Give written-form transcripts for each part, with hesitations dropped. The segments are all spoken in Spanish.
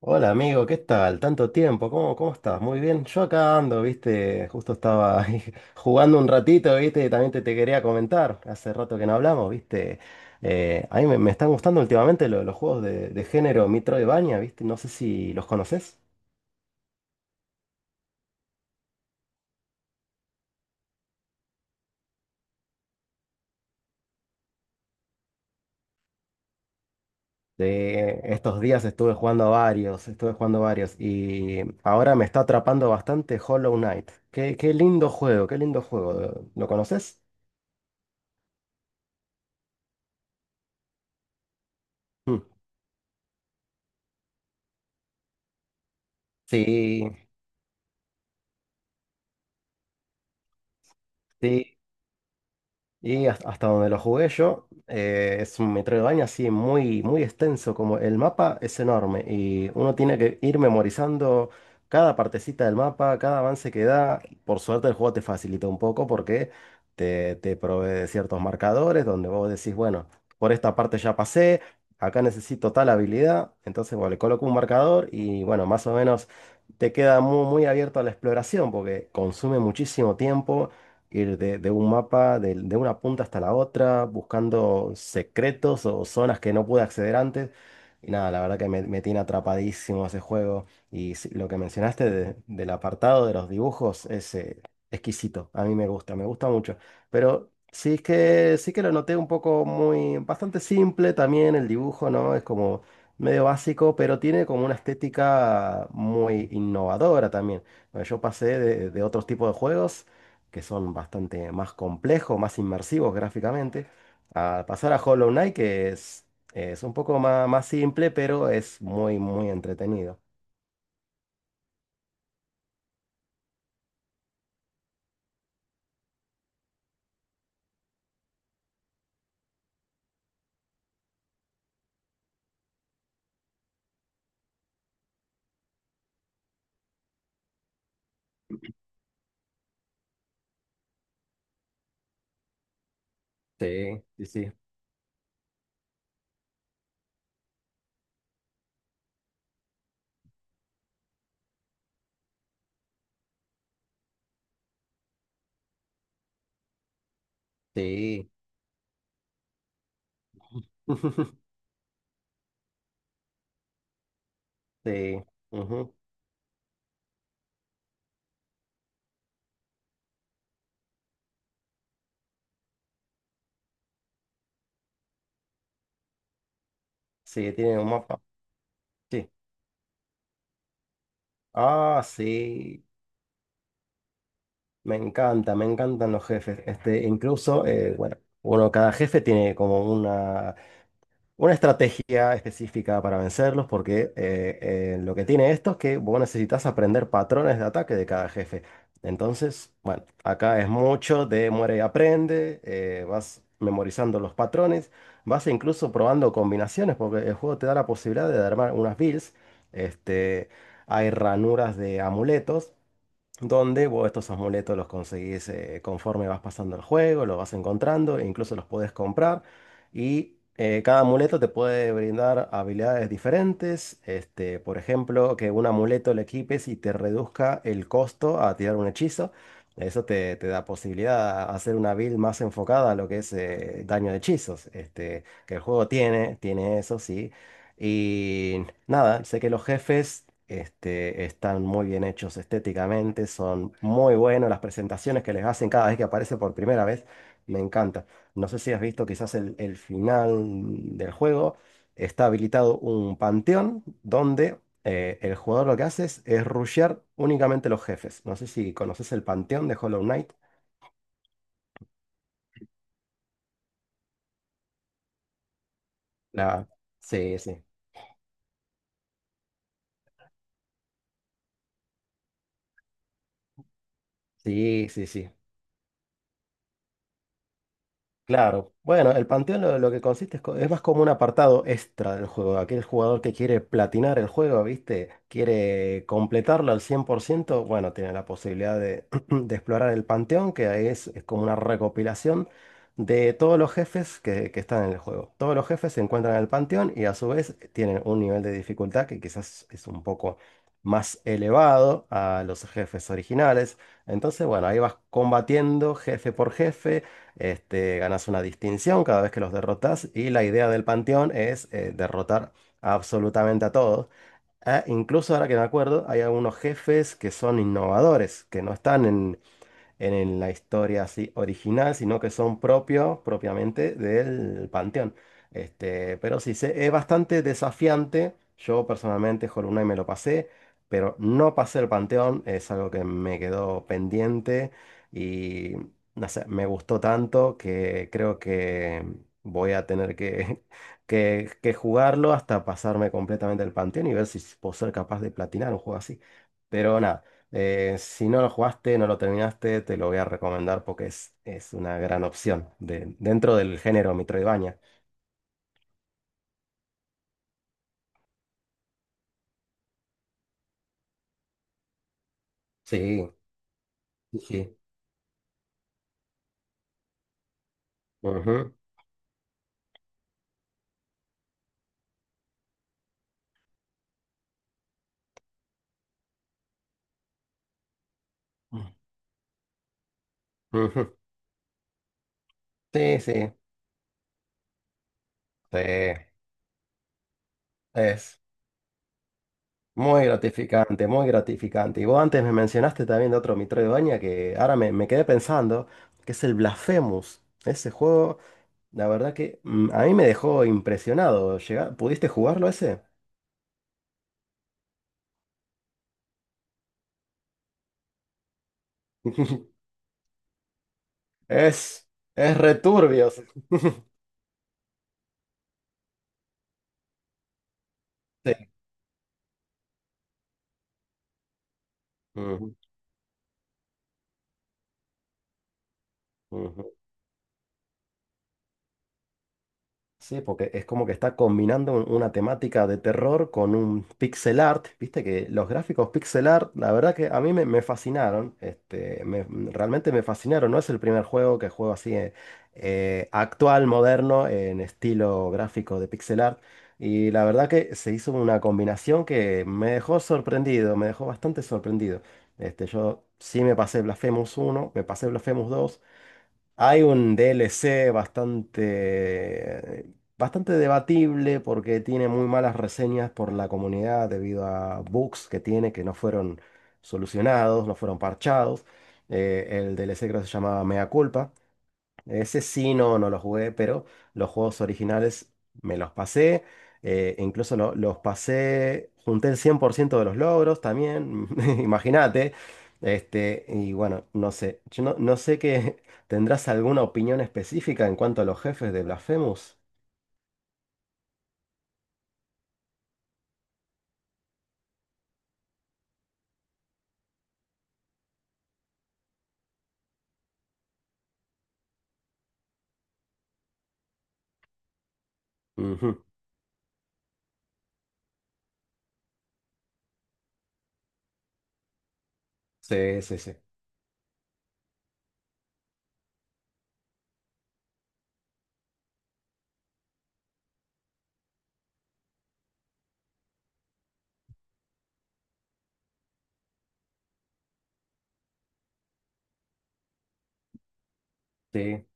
Hola amigo, ¿qué tal? Tanto tiempo, ¿cómo estás? Muy bien, yo acá ando, viste, justo estaba ahí jugando un ratito, viste, y también te quería comentar, hace rato que no hablamos, viste. A mí me están gustando últimamente los juegos de género Metroidvania, viste, no sé si los conoces. De estos días estuve jugando varios, y ahora me está atrapando bastante Hollow Knight. Qué lindo juego, qué lindo juego, ¿lo conoces? Mm. Sí, sí. Y hasta donde lo jugué yo, es un Metroidvania así muy, muy extenso, como el mapa es enorme y uno tiene que ir memorizando cada partecita del mapa, cada avance que da. Por suerte el juego te facilita un poco porque te provee de ciertos marcadores donde vos decís, bueno, por esta parte ya pasé, acá necesito tal habilidad, entonces bueno, le coloco un marcador y bueno, más o menos te queda muy, muy abierto a la exploración porque consume muchísimo tiempo ir de un mapa, de una punta hasta la otra, buscando secretos o zonas que no pude acceder antes. Y nada, la verdad que me tiene atrapadísimo ese juego. Y sí, lo que mencionaste del apartado de los dibujos es exquisito. A mí me gusta mucho. Pero sí es que sí que lo noté un poco bastante simple también el dibujo, ¿no? Es como medio básico, pero tiene como una estética muy innovadora también. Bueno, yo pasé de otros tipos de juegos que son bastante más complejos, más inmersivos gráficamente, a pasar a Hollow Knight, que es un poco más simple, pero es muy, muy entretenido. Sí, sí, sí, sí, sí, ujú. Sí, tiene un mapa. Sí. Ah, sí, me encantan los jefes. Bueno, uno, cada jefe tiene como una estrategia específica para vencerlos, porque lo que tiene esto es que vos necesitas aprender patrones de ataque de cada jefe. Entonces, bueno, acá es mucho de muere y aprende, vas memorizando los patrones, vas incluso probando combinaciones, porque el juego te da la posibilidad de armar unas builds. este, Hay ranuras de amuletos donde vos estos amuletos los conseguís, conforme vas pasando el juego, los vas encontrando, e incluso los podés comprar. Y cada amuleto te puede brindar habilidades diferentes. Por ejemplo, que un amuleto le equipes y te reduzca el costo a tirar un hechizo. Eso te da posibilidad a hacer una build más enfocada a lo que es, daño de hechizos. Que el juego tiene eso, sí. Y nada, sé que los jefes están muy bien hechos estéticamente, son muy buenos las presentaciones que les hacen cada vez que aparece por primera vez, me encanta. No sé si has visto quizás el final del juego, está habilitado un panteón donde, el jugador lo que hace es rushear únicamente los jefes. No sé si conoces el panteón de Hollow Knight. La... Sí, sí, sí, sí, sí. Claro, bueno, el panteón lo que consiste es más como un apartado extra del juego. Aquel jugador que quiere platinar el juego, ¿viste? Quiere completarlo al 100%. Bueno, tiene la posibilidad de, de explorar el panteón, que ahí es como una recopilación de todos los jefes que están en el juego. Todos los jefes se encuentran en el panteón y a su vez tienen un nivel de dificultad que quizás es un poco más elevado a los jefes originales. Entonces, bueno, ahí vas combatiendo jefe por jefe. Ganas una distinción cada vez que los derrotas y la idea del panteón es, derrotar absolutamente a todos. Ah, incluso ahora que me acuerdo, hay algunos jefes que son innovadores, que no están en la historia así original, sino que son propios propiamente del Panteón. Pero sí, es bastante desafiante. Yo personalmente Hollow Knight me lo pasé, pero no pasé el Panteón, es algo que me quedó pendiente, y no sé, me gustó tanto que creo que voy a tener que, que jugarlo hasta pasarme completamente el Panteón y ver si puedo ser capaz de platinar un juego así. Pero nada. Si no lo jugaste, no lo terminaste, te lo voy a recomendar porque es una gran opción dentro del género Metroidvania. Sí, sí, sí. Ujú, ujú. Sí, sí, sí. Es muy gratificante, muy gratificante. Y vos antes me mencionaste también de otro Metroidvania que ahora me quedé pensando, que es el Blasphemous. Ese juego, la verdad que, a mí me dejó impresionado. ¿Pudiste jugarlo ese? Es, es returbio. Sí. Ujú, ujú. Sí, porque es como que está combinando una temática de terror con un pixel art. Viste que los gráficos pixel art, la verdad que a mí me fascinaron. Realmente me fascinaron. No es el primer juego que juego así, actual, moderno, en estilo gráfico de pixel art. Y la verdad que se hizo una combinación que me dejó sorprendido, me dejó bastante sorprendido. Yo sí me pasé Blasphemous uno, me pasé Blasphemous dos. Hay un DLC bastante debatible porque tiene muy malas reseñas por la comunidad debido a bugs que tiene que no fueron solucionados, no fueron parchados. El DLC creo que se llamaba Mea Culpa. Ese sí, no, no lo jugué, pero los juegos originales me los pasé. Incluso los pasé, junté el 100% de los logros también, imagínate. Y bueno, no sé, yo no sé qué tendrás alguna opinión específica en cuanto a los jefes de Blasphemous. Ujú. Sí, sí, sí. Sí.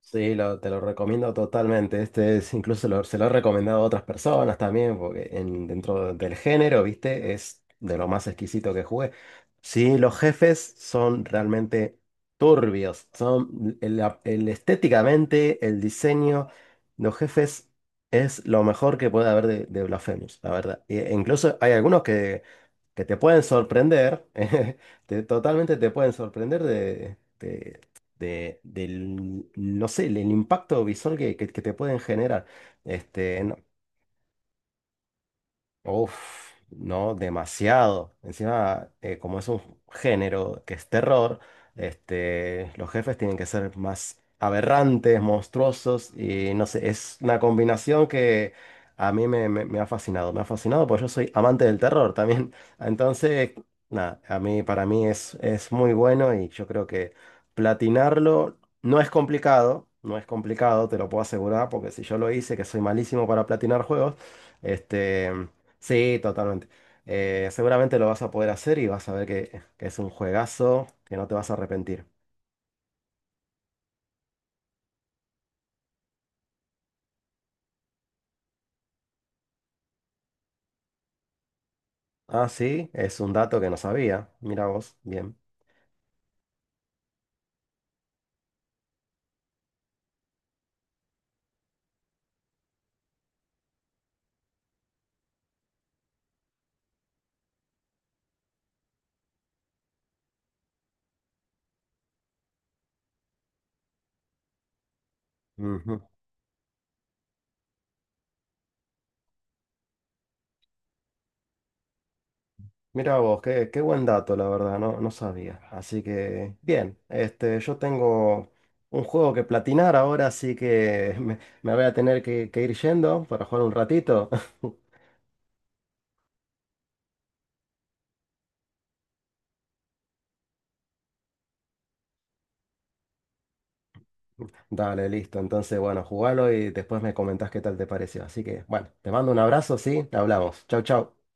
Sí, te lo recomiendo totalmente. Se lo he recomendado a otras personas también, porque, dentro del género, ¿viste? Es de lo más exquisito que jugué. Sí, los jefes son realmente turbios. Son el estéticamente, el diseño, los jefes es lo mejor que puede haber de Blasphemous, la verdad. E incluso hay algunos que te pueden sorprender, totalmente te pueden sorprender del, no sé, el impacto visual que te pueden generar. No. Uf, no, demasiado. Encima, como es un género que es terror, los jefes tienen que ser más aberrantes, monstruosos y no sé, es una combinación que a mí me ha fascinado. Me ha fascinado porque yo soy amante del terror también. Entonces, nada, para mí es muy bueno y yo creo que platinarlo no es complicado, no es complicado, te lo puedo asegurar, porque si yo lo hice, que soy malísimo para platinar juegos. este. Sí, totalmente. Seguramente lo vas a poder hacer y vas a ver que es un juegazo que no te vas a arrepentir. Ah, sí, es un dato que no sabía. Mira vos, bien. Ujú. Mira vos, qué buen dato, la verdad, no, no sabía. Así que, bien, yo tengo un juego que platinar ahora, así que me voy a tener que, ir yendo para jugar un ratito. Dale, listo. Entonces, bueno, jugalo y después me comentás qué tal te pareció. Así que, bueno, te mando un abrazo, sí, hablamos. Chau, chau.